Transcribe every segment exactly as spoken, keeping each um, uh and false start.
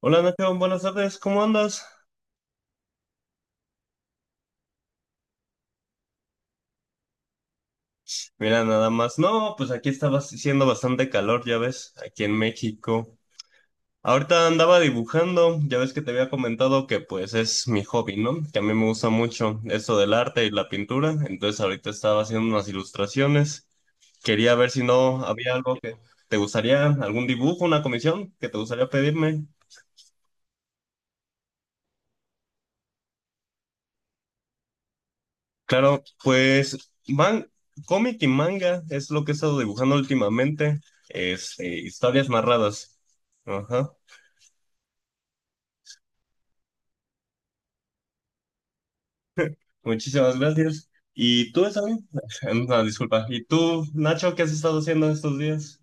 Hola Nacho, buenas tardes, ¿cómo andas? Mira, nada más. No, pues aquí estaba haciendo bastante calor, ya ves, aquí en México. Ahorita andaba dibujando, ya ves que te había comentado que pues es mi hobby, ¿no? Que a mí me gusta mucho eso del arte y la pintura, entonces ahorita estaba haciendo unas ilustraciones. Quería ver si no había algo que te gustaría, algún dibujo, una comisión que te gustaría pedirme. Claro, pues man, cómic y manga es lo que he estado dibujando últimamente, es eh, historias narradas. Ajá, muchísimas gracias. ¿Y tú, Sammy? No, disculpa. ¿Y tú, Nacho, qué has estado haciendo estos días?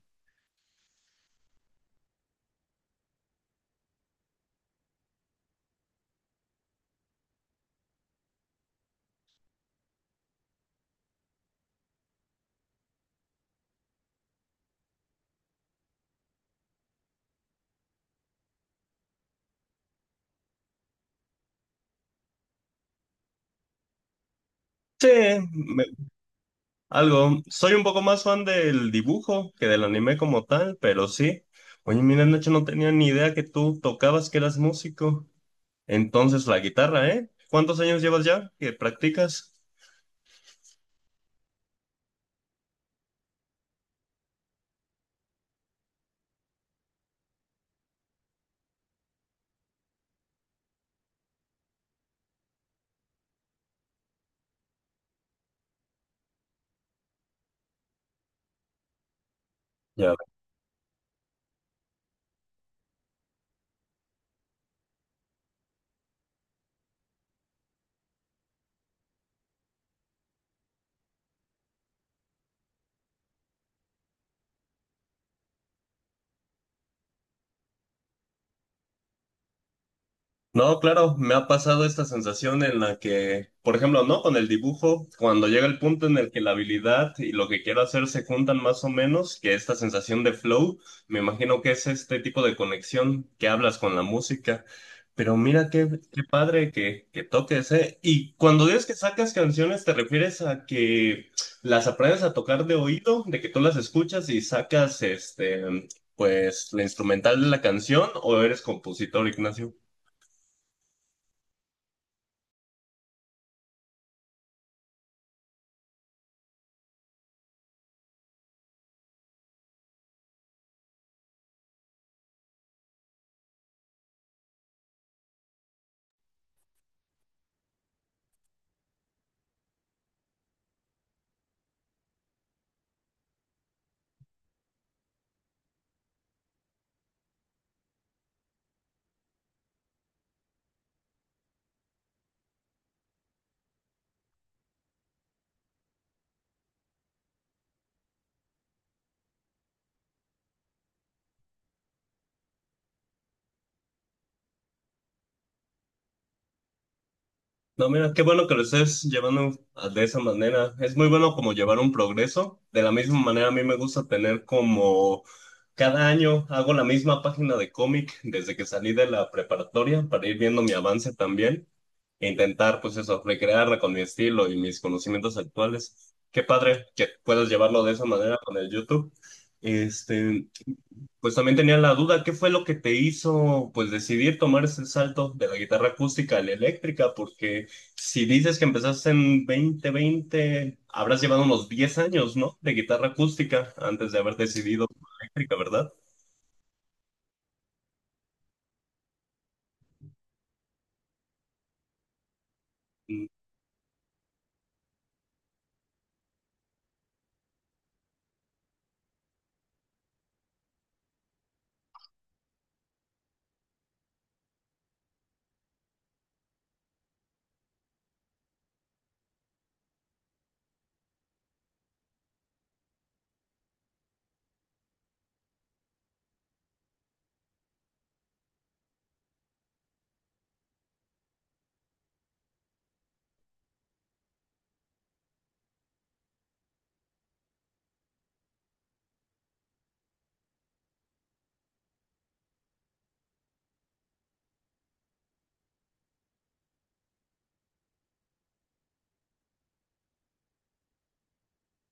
Sí, me- algo. Soy un poco más fan del dibujo que del anime como tal, pero sí. Oye, mira, Nacho, no tenía ni idea que tú tocabas, que eras músico. Entonces, la guitarra, ¿eh? ¿Cuántos años llevas ya que practicas? No, claro, me ha pasado esta sensación en la que, por ejemplo, ¿no? Con el dibujo, cuando llega el punto en el que la habilidad y lo que quiero hacer se juntan más o menos, que esta sensación de flow, me imagino que es este tipo de conexión que hablas con la música. Pero mira qué, qué padre que, que toques, ¿eh? Y cuando dices que sacas canciones, ¿te refieres a que las aprendes a tocar de oído, de que tú las escuchas y sacas, este, pues, la instrumental de la canción, o eres compositor, Ignacio? No, mira, qué bueno que lo estés llevando a- de esa manera. Es muy bueno como llevar un progreso. De la misma manera, a mí me gusta tener como cada año hago la misma página de cómic desde que salí de la preparatoria para ir viendo mi avance también e intentar, pues eso, recrearla con mi estilo y mis conocimientos actuales. Qué padre que puedas llevarlo de esa manera con el YouTube. Este, pues también tenía la duda, ¿qué fue lo que te hizo pues decidir tomar ese salto de la guitarra acústica a la eléctrica? Porque si dices que empezaste en dos mil veinte, habrás llevado unos diez años, ¿no? De guitarra acústica antes de haber decidido por la eléctrica, ¿verdad? Mm,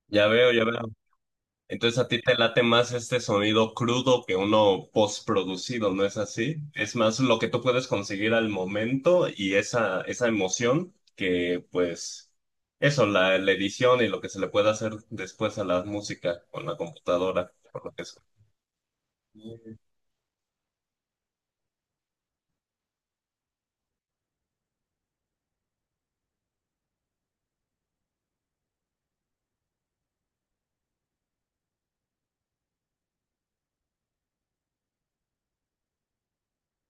ya veo, ya veo. Entonces a ti te late más este sonido crudo que uno postproducido, ¿no es así? Es más lo que tú puedes conseguir al momento y esa, esa emoción que pues eso, la, la edición y lo que se le puede hacer después a la música con la computadora, por lo que es.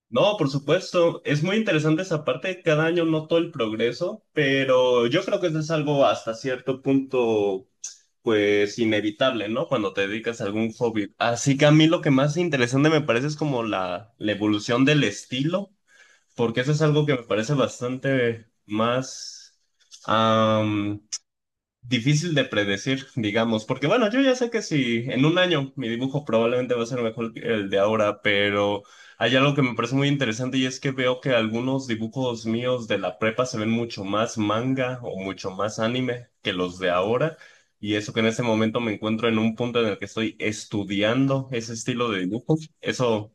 No, por supuesto, es muy interesante esa parte, cada año noto el progreso, pero yo creo que eso es algo hasta cierto punto pues inevitable, ¿no? Cuando te dedicas a algún hobby. Así que a mí lo que más interesante me parece es como la, la evolución del estilo, porque eso es algo que me parece bastante más difícil de predecir, digamos, porque bueno, yo ya sé que si en un año mi dibujo probablemente va a ser mejor que el de ahora, pero hay algo que me parece muy interesante y es que veo que algunos dibujos míos de la prepa se ven mucho más manga o mucho más anime que los de ahora. Y eso que en ese momento me encuentro en un punto en el que estoy estudiando ese estilo de dibujo, eso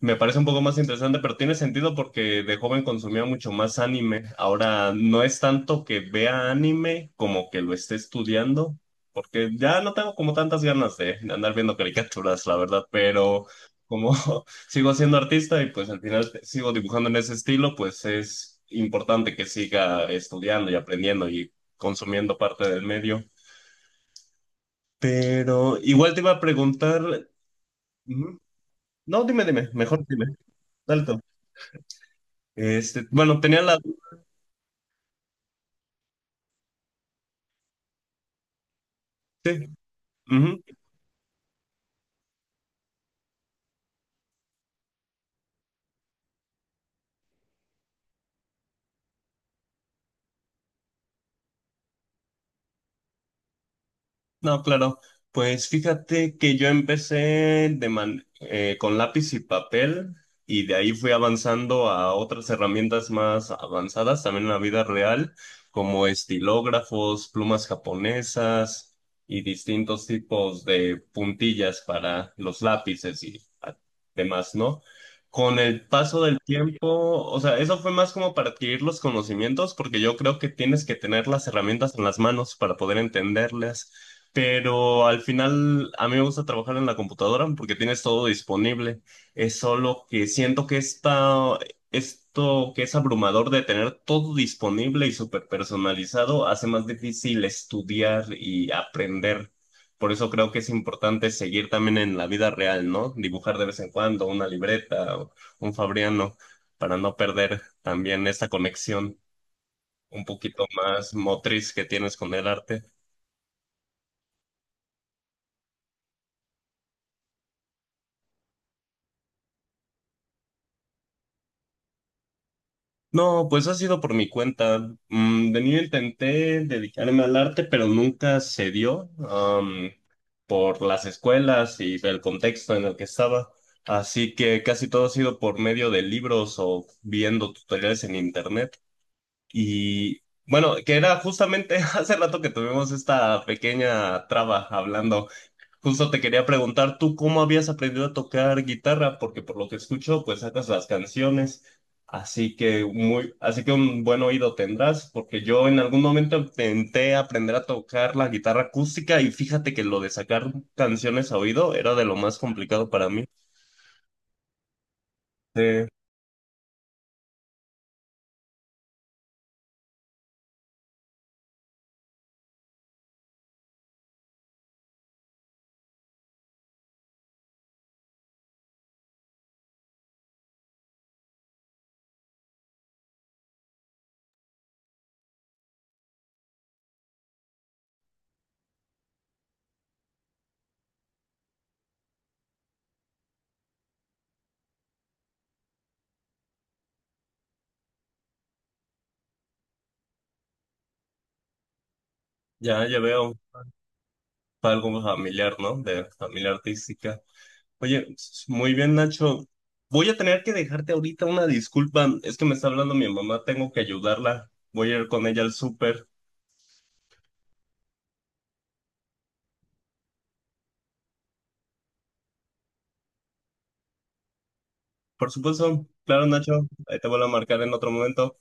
me parece un poco más interesante, pero tiene sentido porque de joven consumía mucho más anime. Ahora no es tanto que vea anime como que lo esté estudiando, porque ya no tengo como tantas ganas de andar viendo caricaturas, la verdad, pero como sigo siendo artista y pues al final sigo dibujando en ese estilo, pues es importante que siga estudiando y aprendiendo y consumiendo parte del medio. Pero igual te iba a preguntar, ujú. No, dime, dime, mejor dime, dale tú. Este, bueno, tenía la... Sí, ujú. No, claro. Pues fíjate que yo empecé de man- eh, con lápiz y papel y de ahí fui avanzando a otras herramientas más avanzadas también en la vida real, como estilógrafos, plumas japonesas y distintos tipos de puntillas para los lápices y a- demás, ¿no? Con el paso del tiempo, o sea, eso fue más como para adquirir los conocimientos, porque yo creo que tienes que tener las herramientas en las manos para poder entenderlas. Pero al final a mí me gusta trabajar en la computadora porque tienes todo disponible. Es solo que siento que esta, esto que es abrumador de tener todo disponible y súper personalizado hace más difícil estudiar y aprender. Por eso creo que es importante seguir también en la vida real, ¿no? Dibujar de vez en cuando una libreta o un fabriano para no perder también esta conexión un poquito más motriz que tienes con el arte. No, pues ha sido por mi cuenta. Mm, de niño intenté dedicarme al arte, pero nunca se dio, am, por las escuelas y el contexto en el que estaba. Así que casi todo ha sido por medio de libros o viendo tutoriales en internet. Y bueno, que era justamente hace rato que tuvimos esta pequeña traba hablando. Justo te quería preguntar, ¿tú cómo habías aprendido a tocar guitarra? Porque por lo que escucho, pues sacas las canciones, así que muy, así que un buen oído tendrás, porque yo en algún momento intenté aprender a tocar la guitarra acústica y fíjate que lo de sacar canciones a oído era de lo más complicado para mí. Sí, ya, ya veo, fue algo familiar, ¿no? De familia artística. Oye, s- muy bien, Nacho. Voy a tener que dejarte ahorita una disculpa. Es que me está hablando mi mamá, tengo que ayudarla. Voy a ir con ella al súper. Por supuesto, claro, Nacho. Ahí te vuelvo a marcar en otro momento.